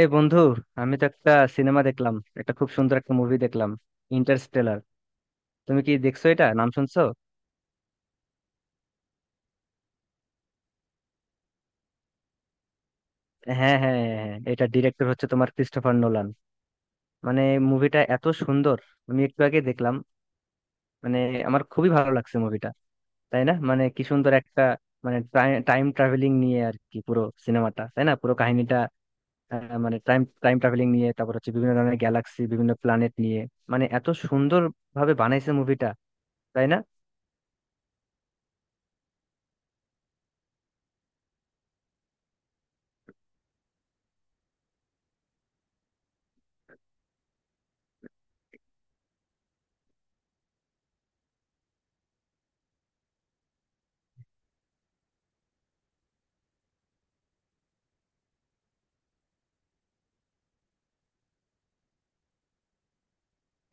এই বন্ধু, আমি তো একটা সিনেমা দেখলাম। একটা খুব সুন্দর একটা মুভি দেখলাম, ইন্টারস্টেলার। তুমি কি দেখছো? এটা নাম শুনছো? হ্যাঁ, হ্যাঁ, হ্যাঁ, হ্যাঁ, এটা ডিরেক্টর হচ্ছে তোমার ক্রিস্টোফার নোলান। মানে মুভিটা এত সুন্দর, আমি একটু আগে দেখলাম। মানে আমার খুবই ভালো লাগছে মুভিটা, তাই না? মানে কি সুন্দর একটা, মানে টাইম ট্রাভেলিং নিয়ে আর কি পুরো সিনেমাটা, তাই না, পুরো কাহিনীটা। মানে টাইম টাইম ট্রাভেলিং নিয়ে, তারপর হচ্ছে বিভিন্ন ধরনের গ্যালাক্সি, বিভিন্ন প্ল্যানেট নিয়ে। মানে এত সুন্দর ভাবে বানাইছে মুভিটা, তাই না?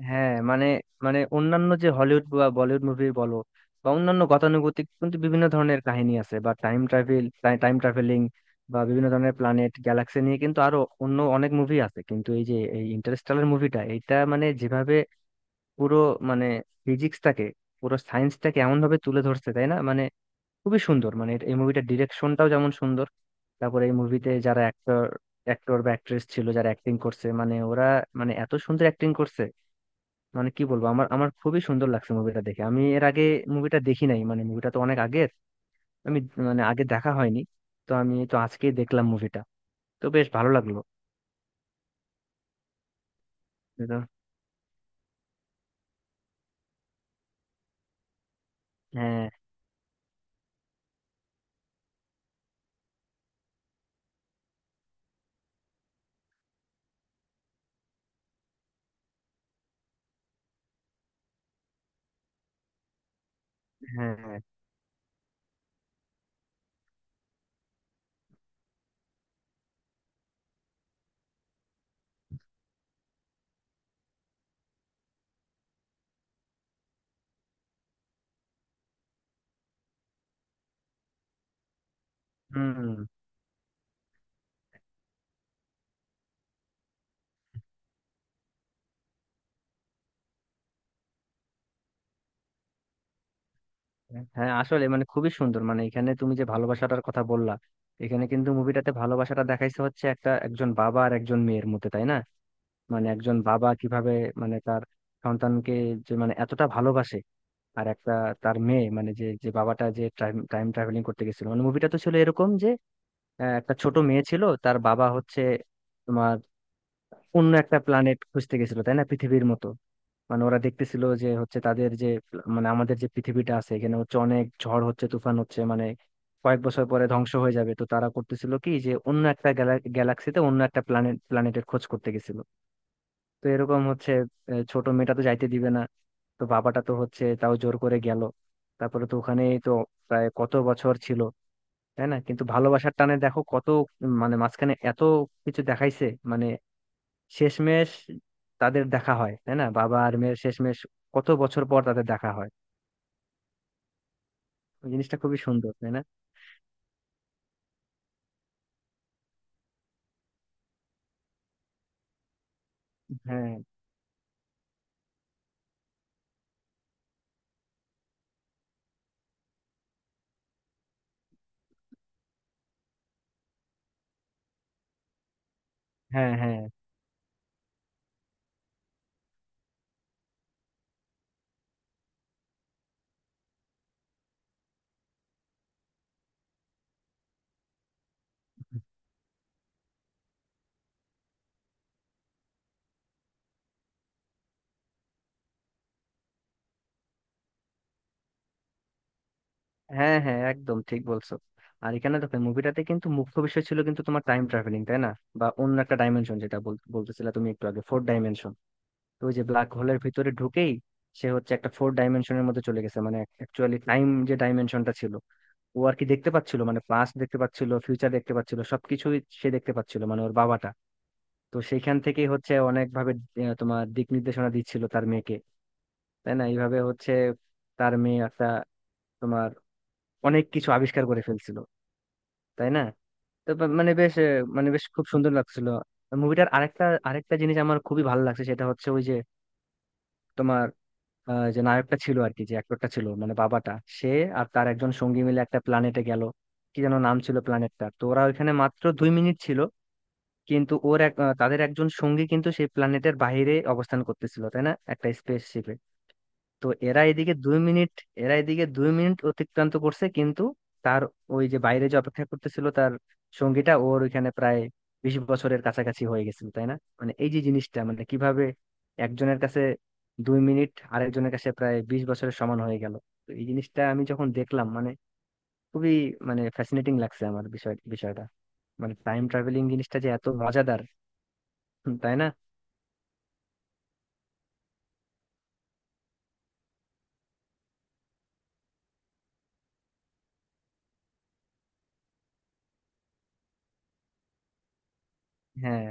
হ্যাঁ, মানে মানে অন্যান্য যে হলিউড বা বলিউড মুভি বলো, বা অন্যান্য গতানুগতিক, কিন্তু বিভিন্ন ধরনের কাহিনী আছে বা টাইম ট্রাভেল, টাইম ট্রাভেলিং, বা বিভিন্ন ধরনের প্ল্যানেট গ্যালাক্সি নিয়ে কিন্তু আরো অন্য অনেক মুভি আছে, কিন্তু এই যে এই ইন্টারস্টেলার মুভিটা, এটা মানে যেভাবে পুরো, মানে ফিজিক্সটাকে, পুরো সায়েন্সটাকে এমন ভাবে তুলে ধরছে, তাই না? মানে খুবই সুন্দর। মানে এটা- এই মুভিটার ডিরেকশনটাও যেমন সুন্দর, তারপরে এই মুভিতে যারা অ্যাক্টর, বা অ্যাক্ট্রেস ছিল, যারা অ্যাক্টিং করছে, মানে ওরা মানে এত সুন্দর অ্যাক্টিং করছে। মানে কি বলবো, আমার আমার খুবই সুন্দর লাগছে মুভিটা দেখে। আমি এর আগে মুভিটা দেখি নাই, মানে মুভিটা তো অনেক আগের, আমি মানে আগে দেখা হয়নি। তো আমি তো আজকেই দেখলাম মুভিটা, তো বেশ ভালো লাগলো। এটা- হ্যাঁ, হ্যাঁ। হুম। হ্যাঁ, আসলে মানে খুবই সুন্দর। মানে এখানে তুমি যে ভালোবাসাটার কথা বললা, এখানে কিন্তু মুভিটাতে ভালোবাসাটা দেখাইছে হচ্ছে একটা, একজন বাবা আর একজন মেয়ের মধ্যে, তাই না? মানে একজন বাবা কিভাবে মানে তার সন্তানকে যে মানে এতটা ভালোবাসে। আর একটা তার মেয়ে মানে, যে যে বাবাটা যে টাইম টাইম ট্রাভেলিং করতে গেছিল, মানে মুভিটা তো ছিল এরকম যে একটা ছোট মেয়ে ছিল, তার বাবা হচ্ছে তোমার অন্য একটা প্ল্যানেট খুঁজতে গেছিল, তাই না, পৃথিবীর মতো। মানে ওরা দেখতেছিল যে হচ্ছে তাদের যে মানে আমাদের যে পৃথিবীটা আছে, এখানে হচ্ছে অনেক ঝড় হচ্ছে, তুফান হচ্ছে, মানে কয়েক বছর পরে ধ্বংস হয়ে যাবে। তো তারা করতেছিল কি, যে অন্য একটা গ্যালাক্সিতে অন্য একটা প্ল্যানেটের খোঁজ করতে গেছিল। তো এরকম হচ্ছে ছোট মেয়েটা তো যাইতে দিবে না, তো বাবাটা তো হচ্ছে তাও জোর করে গেল। তারপরে তো ওখানেই তো প্রায় কত বছর ছিল, তাই না? কিন্তু ভালোবাসার টানে দেখো কত, মানে মাঝখানে এত কিছু দেখাইছে, মানে শেষমেশ তাদের দেখা হয়, তাই না, বাবা আর মেয়ের শেষমেশ কত বছর পর তাদের দেখা হয়। ওই জিনিসটা খুবই সুন্দর, তাই না? হ্যাঁ, হ্যাঁ, হ্যাঁ, হ্যাঁ, হ্যাঁ, একদম ঠিক বলছো। আর এখানে দেখো, মুভিটাতে কিন্তু মুখ্য বিষয় ছিল কিন্তু তোমার টাইম ট্রাভেলিং, তাই না? বা অন্য একটা ডাইমেনশন, যেটা বলতেছিলে তুমি একটু আগে, ফোর ডাইমেনশন। তো ওই যে ব্ল্যাক হোলের ভিতরে ঢুকেই সে হচ্ছে একটা ফোর ডাইমেনশনের মধ্যে চলে গেছে, মানে অ্যাকচুয়ালি টাইম যে ডাইমেনশনটা ছিল, ও আর কি দেখতে পাচ্ছিল, মানে পাস্ট দেখতে পাচ্ছিল, ফিউচার দেখতে পাচ্ছিল, সবকিছুই সে দেখতে পাচ্ছিল, মানে ওর বাবাটা। তো সেইখান থেকেই হচ্ছে অনেক ভাবে তোমার দিক নির্দেশনা দিচ্ছিল তার মেয়েকে, তাই না? এইভাবে হচ্ছে তার মেয়ে একটা তোমার অনেক কিছু আবিষ্কার করে ফেলছিল, তাই না? তো মানে বেশ মানে বেশ খুব সুন্দর লাগছিল মুভিটার। আরেকটা, আরেকটা জিনিস আমার খুবই ভালো লাগছে, সেটা হচ্ছে ওই যে তোমার যে নায়কটা ছিল আর কি, যে অ্যাক্টরটা ছিল মানে বাবাটা, সে আর তার একজন সঙ্গী মিলে একটা প্ল্যানেটে গেল। কি যেন নাম ছিল প্ল্যানেটটা। তো ওরা ওইখানে মাত্র 2 মিনিট ছিল, কিন্তু ওর এক তাদের একজন সঙ্গী কিন্তু সেই প্ল্যানেটের বাইরে অবস্থান করতেছিল, তাই না, একটা স্পেস। তো এরা এদিকে দুই মিনিট অতিক্রান্ত করছে, কিন্তু তার ওই যে বাইরে যে অপেক্ষা করতেছিল, তার সঙ্গীটা ওর ওইখানে প্রায় 20 বছরের কাছাকাছি হয়ে গেছিল, তাই না? মানে এই যে জিনিসটা মানে কিভাবে একজনের কাছে 2 মিনিট আরেকজনের কাছে প্রায় 20 বছরের সমান হয়ে গেল। তো এই জিনিসটা আমি যখন দেখলাম, মানে খুবই মানে ফ্যাসিনেটিং লাগছে আমার বিষয়টা। মানে টাইম ট্রাভেলিং জিনিসটা যে এত মজাদার। হুম, তাই না? হ্যাঁ,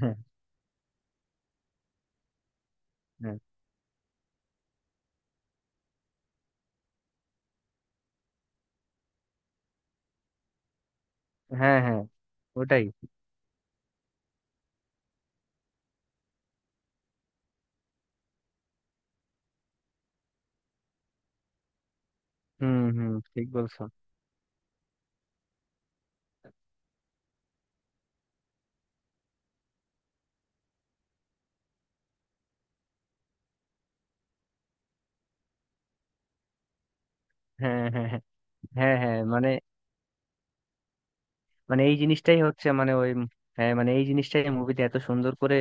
হ্যাঁ, হ্যাঁ, হ্যাঁ, হ্যাঁ, ওটাই। হুম, হুম, ঠিক বলছো। হ্যাঁ, হ্যাঁ, হ্যাঁ, হ্যাঁ, হ্যাঁ মানে মানে এই জিনিসটাই হচ্ছে মানে ওই, হ্যাঁ মানে এই জিনিসটাই মুভিতে এত সুন্দর করে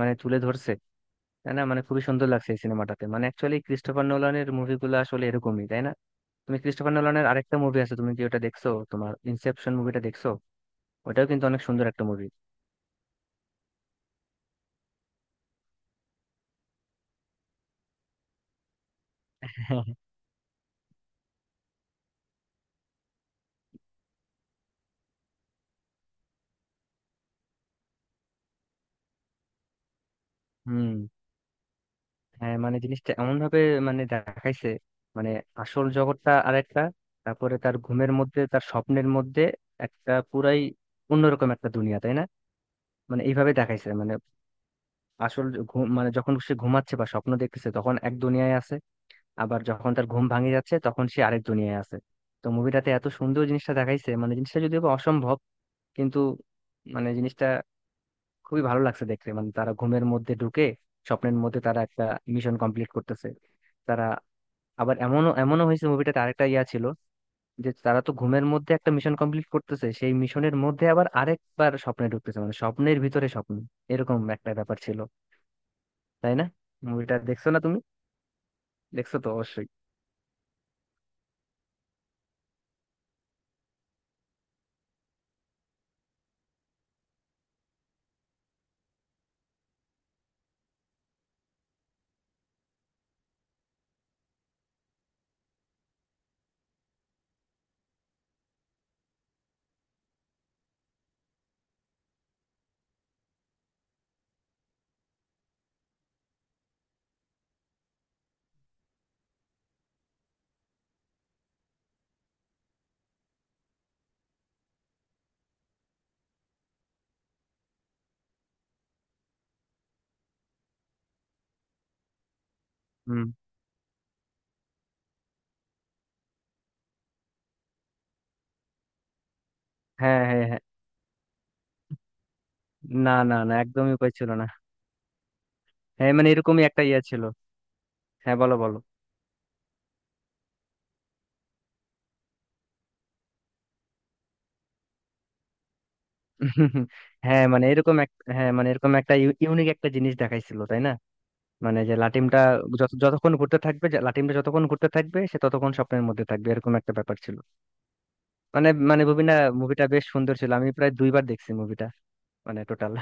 মানে তুলে ধরছে, তাই না? মানে খুবই সুন্দর লাগছে এই সিনেমাটাতে। মানে অ্যাকচুয়ালি ক্রিস্টোফার নোলানের মুভিগুলো আসলে এরকমই, তাই না? তুমি ক্রিস্টোফার নোলানের আরেকটা মুভি আছে, তুমি কি ওটা দেখছো, তোমার ইনসেপশন মুভিটা দেখছো? ওটাও কিন্তু অনেক সুন্দর একটা মুভি। হুম। হ্যাঁ, মানে জিনিসটা এমন ভাবে মানে দেখাইছে, মানে আসল জগৎটা আরেকটা, তারপরে তার ঘুমের মধ্যে, তার স্বপ্নের মধ্যে একটা পুরাই অন্যরকম একটা দুনিয়া, তাই না? মানে এইভাবে দেখাইছে মানে আসল যে ঘুম, মানে যখন সে ঘুমাচ্ছে বা স্বপ্ন দেখতেছে তখন এক দুনিয়ায় আছে, আবার যখন তার ঘুম ভাঙে যাচ্ছে তখন সে আরেক দুনিয়ায় আছে। তো মুভিটাতে এত সুন্দর জিনিসটা দেখাইছে, মানে জিনিসটা যদিও বা অসম্ভব, কিন্তু মানে জিনিসটা খুবই ভালো লাগছে দেখতে। মানে তারা ঘুমের মধ্যে ঢুকে স্বপ্নের মধ্যে তারা একটা মিশন কমপ্লিট করতেছে। তারা আবার এমনও এমনও হয়েছে মুভিটাতে, আরেকটা ইয়া ছিল যে তারা তো ঘুমের মধ্যে একটা মিশন কমপ্লিট করতেছে, সেই মিশনের মধ্যে আবার আরেকবার স্বপ্নে ঢুকতেছে, মানে স্বপ্নের ভিতরে স্বপ্ন, এরকম একটা ব্যাপার ছিল, তাই না? মুভিটা দেখছো না তুমি? দেখছো তো অবশ্যই। হুম। হ্যাঁ, হ্যাঁ, হ্যাঁ, না, না, না, একদমই উপায় ছিল না। হ্যাঁ, মানে এরকমই একটা ইয়ে ছিল। হ্যাঁ, বলো, বলো। হ্যাঁ, মানে এরকম এক, হ্যাঁ, মানে এরকম একটা ইউনিক একটা জিনিস দেখাইছিল, তাই না? মানে যে লাটিমটা যতক্ষণ ঘুরতে থাকবে, যে লাটিমটা যতক্ষণ ঘুরতে থাকবে, সে ততক্ষণ স্বপ্নের মধ্যে থাকবে, এরকম একটা ব্যাপার ছিল। মানে মানে মুভিটা, মুভিটা বেশ সুন্দর ছিল, আমি প্রায় দুইবার দেখছি মুভিটা, মানে টোটাল।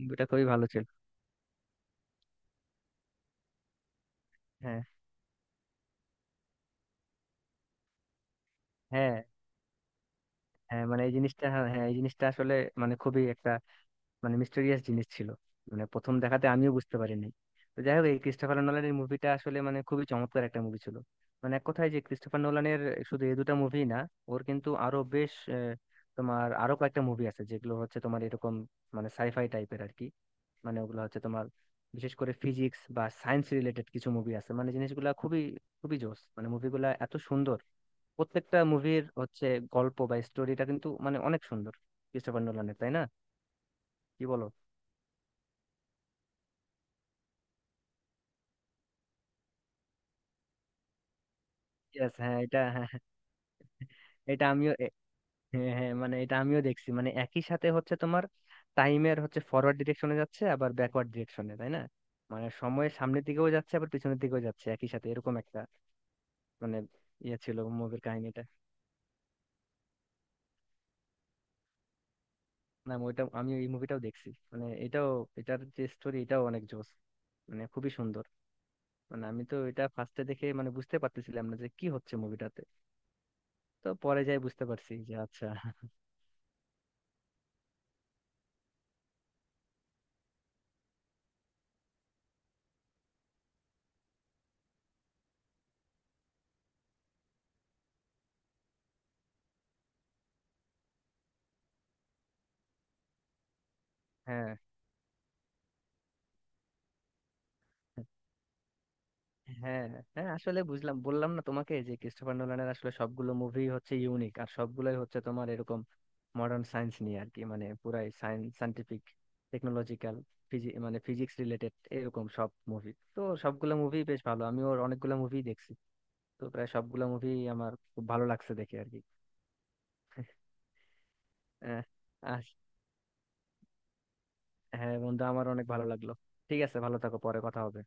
মুভিটা খুবই ভালো ছিল। হ্যাঁ, হ্যাঁ, হ্যাঁ মানে এই জিনিসটা, হ্যাঁ, হ্যাঁ, এই জিনিসটা আসলে মানে খুবই একটা মানে মিস্টেরিয়াস জিনিস ছিল, মানে প্রথম দেখাতে আমিও বুঝতে পারিনি। তো যাই হোক, এই ক্রিস্টোফার নোলানের মুভিটা আসলে মানে খুবই চমৎকার একটা মুভি ছিল। মানে এক কথায়, যে ক্রিস্টোফার নোলানের শুধু এই দুটো মুভি না, ওর কিন্তু আরো বেশ তোমার আরো কয়েকটা মুভি আছে যেগুলো হচ্ছে তোমার এরকম মানে সাইফাই টাইপের আর কি, মানে ওগুলো হচ্ছে তোমার বিশেষ করে ফিজিক্স বা সায়েন্স রিলেটেড কিছু মুভি আছে, মানে জিনিসগুলা খুবই খুবই জোস। মানে মুভিগুলা এত সুন্দর, প্রত্যেকটা মুভির হচ্ছে গল্প বা স্টোরিটা কিন্তু মানে অনেক সুন্দর ক্রিস্টোফার নোলানের, তাই না? কি বলো? ইয়েস, হ্যাঁ, এটা, হ্যাঁ, হ্যাঁ, এটা আমিও হ্যাঁ, হ্যাঁ, মানে এটা আমিও দেখছি, মানে একই সাথে হচ্ছে তোমার টাইমের হচ্ছে ফরওয়ার্ড ডিরেকশনে যাচ্ছে, আবার ব্যাকওয়ার্ড ডিরেকশনে, তাই না? মানে সময়ের সামনের দিকেও যাচ্ছে, আবার পিছনের দিকেও যাচ্ছে একই সাথে, এরকম একটা মানে ইয়ে ছিল মুভির কাহিনীটা। না, ওইটা আমি এই মুভিটাও দেখছি, মানে এটাও এটার যে স্টোরি এটাও অনেক জোস, মানে খুবই সুন্দর। মানে আমি তো এটা ফার্স্টে দেখে মানে বুঝতে পারতেছিলাম না যে কি হচ্ছে মুভিটাতে, তো পরে যাই বুঝতে পারছি যে আচ্ছা। হ্যাঁ, হ্যাঁ। হ্যাঁ, হ্যাঁ, আসলে বুঝলাম, বললাম না তোমাকে যে ক্রিস্টোফার নোলানের আসলে সবগুলো মুভি হচ্ছে ইউনিক, আর সবগুলোই হচ্ছে তোমার এরকম মডার্ন সায়েন্স নিয়ে আর কি, মানে পুরাই সায়েন্স, সায়েন্টিফিক, টেকনোলজিক্যাল, মানে ফিজিক্স রিলেটেড এরকম সব মুভি। তো সবগুলো মুভি বেশ ভালো, আমি ওর অনেকগুলো মুভি দেখছি, তো প্রায় সবগুলো মুভি আমার খুব ভালো লাগছে দেখে আর কি। আহ, আস- হ্যাঁ বন্ধু, আমার অনেক ভালো লাগলো। ঠিক আছে, ভালো থাকো, পরে কথা হবে।